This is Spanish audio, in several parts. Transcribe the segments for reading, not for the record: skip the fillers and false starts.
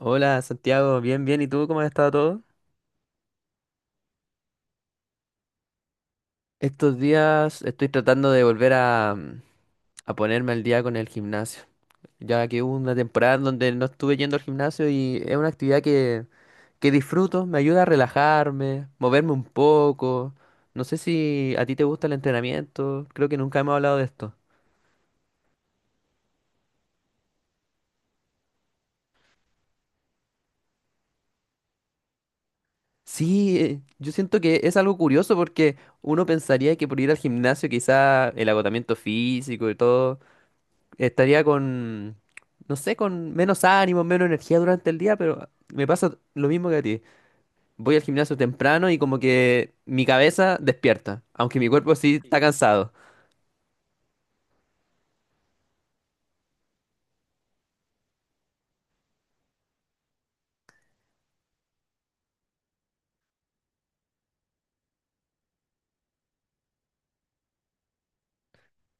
Hola Santiago, bien, bien. ¿Y tú cómo has estado todo? Estos días estoy tratando de volver a ponerme al día con el gimnasio, ya que hubo una temporada en donde no estuve yendo al gimnasio y es una actividad que disfruto, me ayuda a relajarme, moverme un poco. No sé si a ti te gusta el entrenamiento, creo que nunca hemos hablado de esto. Sí, yo siento que es algo curioso porque uno pensaría que por ir al gimnasio quizá el agotamiento físico y todo estaría con, no sé, con menos ánimo, menos energía durante el día, pero me pasa lo mismo que a ti. Voy al gimnasio temprano y como que mi cabeza despierta, aunque mi cuerpo sí está cansado.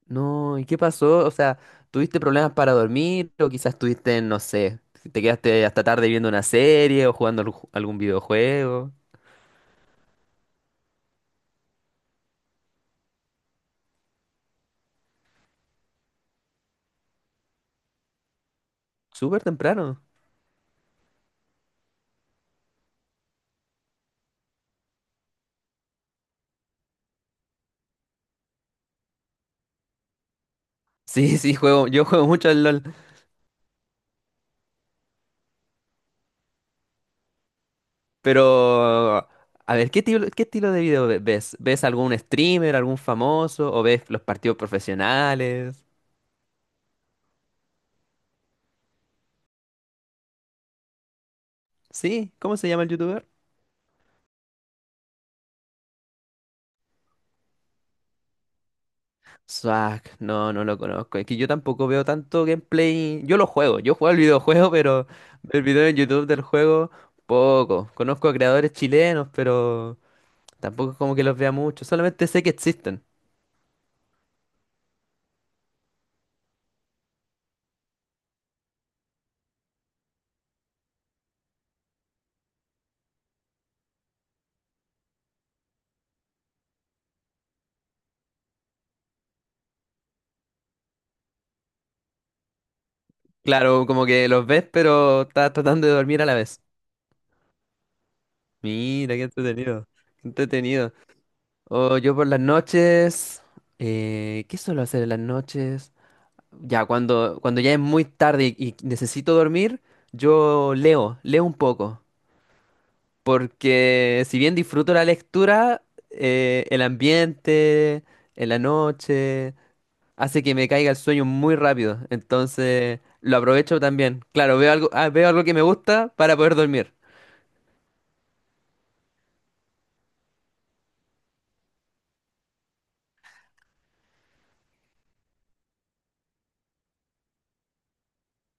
No, ¿y qué pasó? O sea, ¿tuviste problemas para dormir o quizás tuviste, no sé, si te quedaste hasta tarde viendo una serie o jugando algún videojuego? Súper temprano. Sí, sí, yo juego mucho al LOL. Pero, a ver, ¿qué qué estilo de video ves? ¿Ves algún streamer, algún famoso? ¿O ves los partidos profesionales? ¿Sí? ¿Cómo se llama el youtuber? Zack, no, no lo conozco. Es que yo tampoco veo tanto gameplay. Yo juego el videojuego, pero el video en YouTube del juego, poco. Conozco a creadores chilenos, pero tampoco es como que los vea mucho. Solamente sé que existen. Claro, como que los ves, pero estás tratando de dormir a la vez. Mira, qué entretenido. Qué entretenido. O yo por las noches, ¿qué suelo hacer en las noches? Ya, cuando ya es muy tarde y necesito dormir, yo leo un poco. Porque si bien disfruto la lectura, el ambiente, en la noche, hace que me caiga el sueño muy rápido. Entonces, lo aprovecho también. Claro, veo algo que me gusta para poder dormir.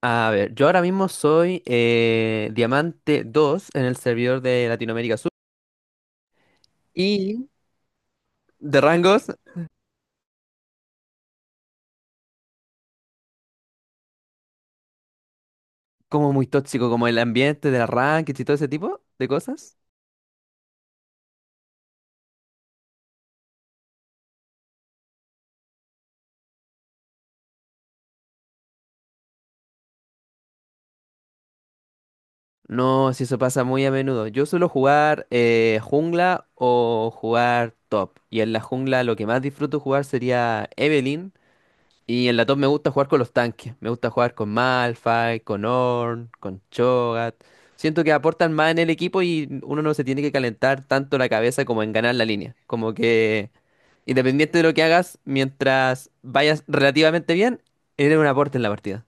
A ver, yo ahora mismo soy Diamante 2 en el servidor de Latinoamérica Sur. Y de rangos como muy tóxico, como el ambiente de rankings y todo ese tipo de cosas. No, si eso pasa muy a menudo. Yo suelo jugar jungla o jugar top. Y en la jungla lo que más disfruto jugar sería Evelynn. Y en la top me gusta jugar con los tanques. Me gusta jugar con Malphite, con Ornn, con Cho'Gath. Siento que aportan más en el equipo y uno no se tiene que calentar tanto la cabeza como en ganar la línea. Como que independiente de lo que hagas, mientras vayas relativamente bien, eres un aporte en la partida.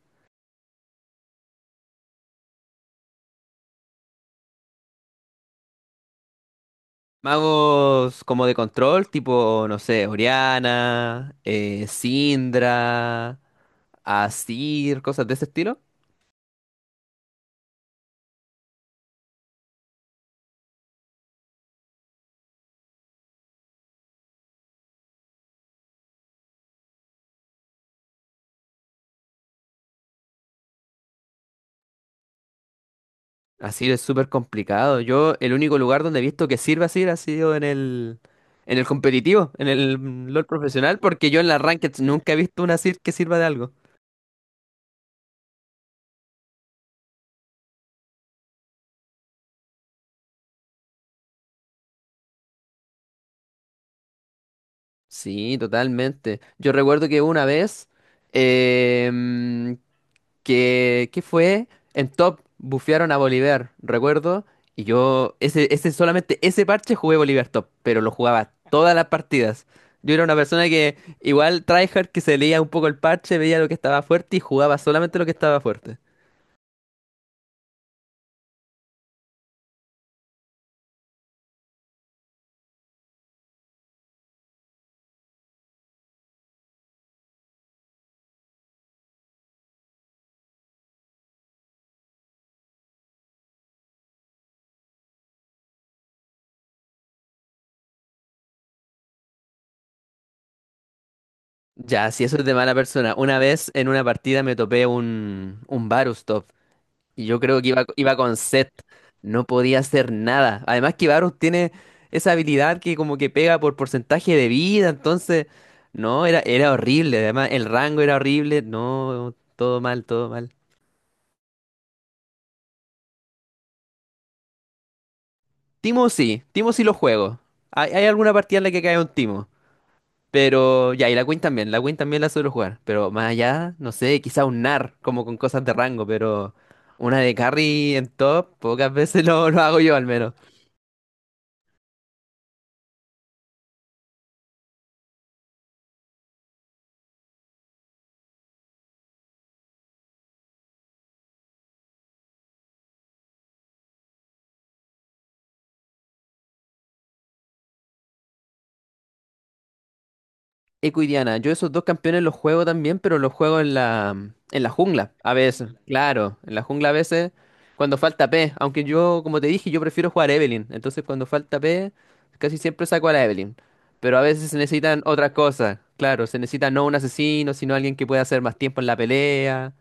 Magos como de control, tipo, no sé, Oriana, Syndra, Azir, cosas de ese estilo. Azir es súper complicado. Yo, el único lugar donde he visto que sirve Azir ha sido en el, competitivo, en el LoL profesional, porque yo en las rankeds nunca he visto un Azir que sirva de algo. Sí, totalmente. Yo recuerdo que una vez, Em, que fue en top, bufearon a Bolívar, recuerdo, y yo ese parche jugué Bolívar top, pero lo jugaba todas las partidas. Yo era una persona que igual tryhard que se leía un poco el parche, veía lo que estaba fuerte y jugaba solamente lo que estaba fuerte. Ya, si eso es de mala persona. Una vez en una partida me topé un Varus top. Y yo creo que iba con Seth. No podía hacer nada. Además que Varus tiene esa habilidad que como que pega por porcentaje de vida. Entonces, no, era horrible. Además, el rango era horrible. No, todo mal, todo mal. Timo sí lo juego. Hay alguna partida en la que cae un Timo. Pero ya, y la Queen también, la Queen también la suelo jugar. Pero más allá, no sé, quizá un Nar, como con cosas de rango, pero una de carry en top, pocas veces lo hago yo al menos. Eco y Diana. Yo esos dos campeones los juego también, pero los juego en la jungla a veces. Claro, en la jungla a veces cuando falta P. Aunque yo, como te dije, yo prefiero jugar Evelynn. Entonces cuando falta P, casi siempre saco a la Evelynn. Pero a veces se necesitan otras cosas. Claro, se necesita no un asesino, sino alguien que pueda hacer más tiempo en la pelea.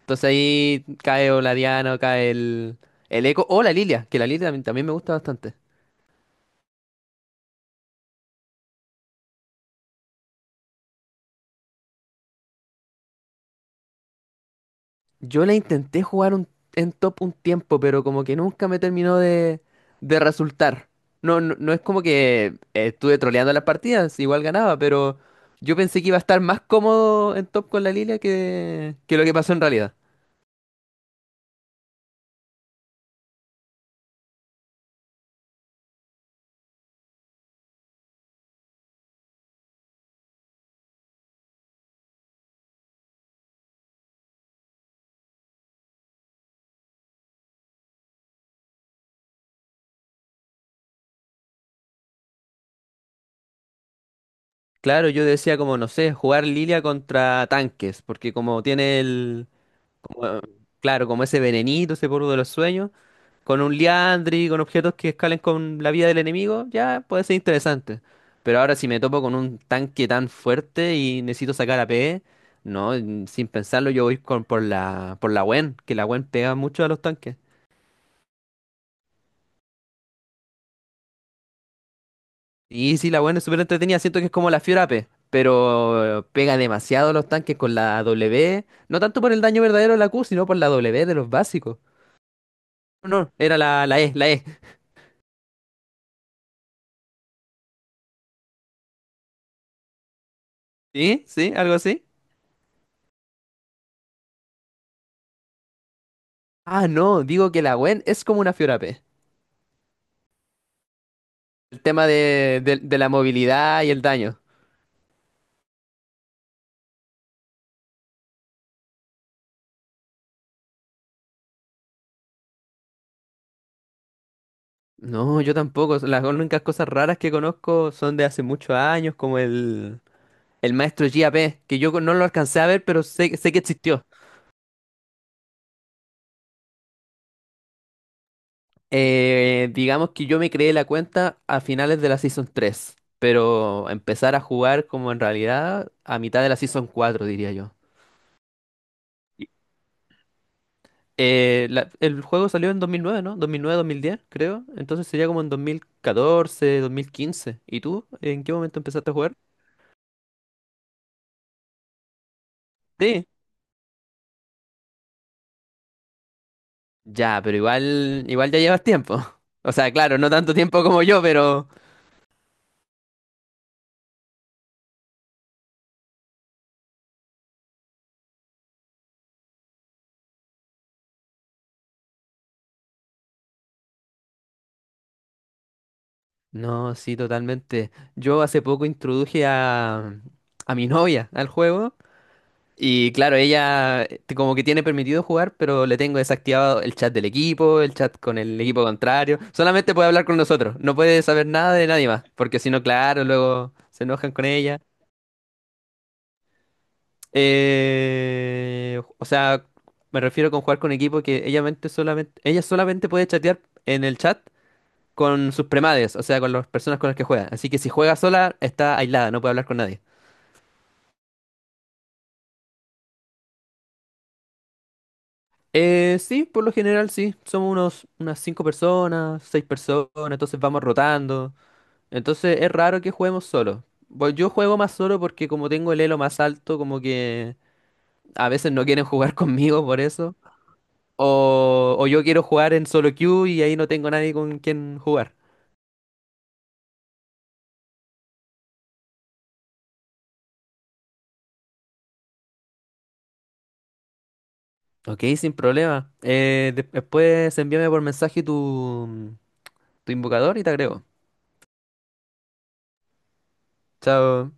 Entonces ahí cae o la Diana o cae el Eco o la Lilia, que la Lilia también, también me gusta bastante. Yo la intenté jugar en top un tiempo, pero como que nunca me terminó de resultar. No, no, no es como que estuve troleando las partidas, igual ganaba, pero yo pensé que iba a estar más cómodo en top con la Lilia que lo que pasó en realidad. Claro, yo decía como, no sé, jugar Lilia contra tanques, porque como tiene el, como, claro, como ese venenito, ese polvo de los sueños. Con un liandry, con objetos que escalen con la vida del enemigo, ya puede ser interesante. Pero ahora si me topo con un tanque tan fuerte y necesito sacar a AP, no, sin pensarlo yo voy por la Gwen, que la Gwen pega mucho a los tanques. Y sí, la Gwen es súper entretenida, siento que es como la Fiora AP, pero pega demasiado a los tanques con la W, no tanto por el daño verdadero de la Q, sino por la W de los básicos. No, no, era la E, la E. ¿Sí? ¿Sí? ¿Algo así? Ah, no, digo que la Gwen es como una Fiora AP. El tema de la movilidad y el daño. No, yo tampoco. Las únicas cosas raras que conozco son de hace muchos años, como el maestro G.A.P., que yo no lo alcancé a ver, pero sé que existió. Digamos que yo me creé la cuenta a finales de la Season 3, pero empezar a jugar como en realidad a mitad de la Season 4, diría yo. Y- el juego salió en 2009, no dos mil nueve, 2010, creo. Entonces sería como en dos mil catorce, 2015. ¿Y tú? ¿En qué momento empezaste a jugar? Sí, ya, pero igual, igual ya llevas tiempo. O sea, claro, no tanto tiempo como yo, pero. No, sí, totalmente. Yo hace poco introduje a mi novia al juego y claro, ella como que tiene permitido jugar, pero le tengo desactivado el chat del equipo, el chat con el equipo contrario. Solamente puede hablar con nosotros, no puede saber nada de nadie más, porque si no, claro, luego se enojan con ella. O sea, me refiero con jugar con equipo que ella solamente puede chatear en el chat con sus premades, o sea, con las personas con las que juega. Así que si juega sola, está aislada, no puede hablar con nadie. Sí, por lo general sí, somos unas cinco personas, seis personas, entonces vamos rotando. Entonces es raro que juguemos solo. Bueno, yo juego más solo porque como tengo el elo más alto, como que a veces no quieren jugar conmigo por eso. O yo quiero jugar en solo queue y ahí no tengo nadie con quien jugar. Ok, sin problema. Después envíame por mensaje tu invocador y te agrego. Chao.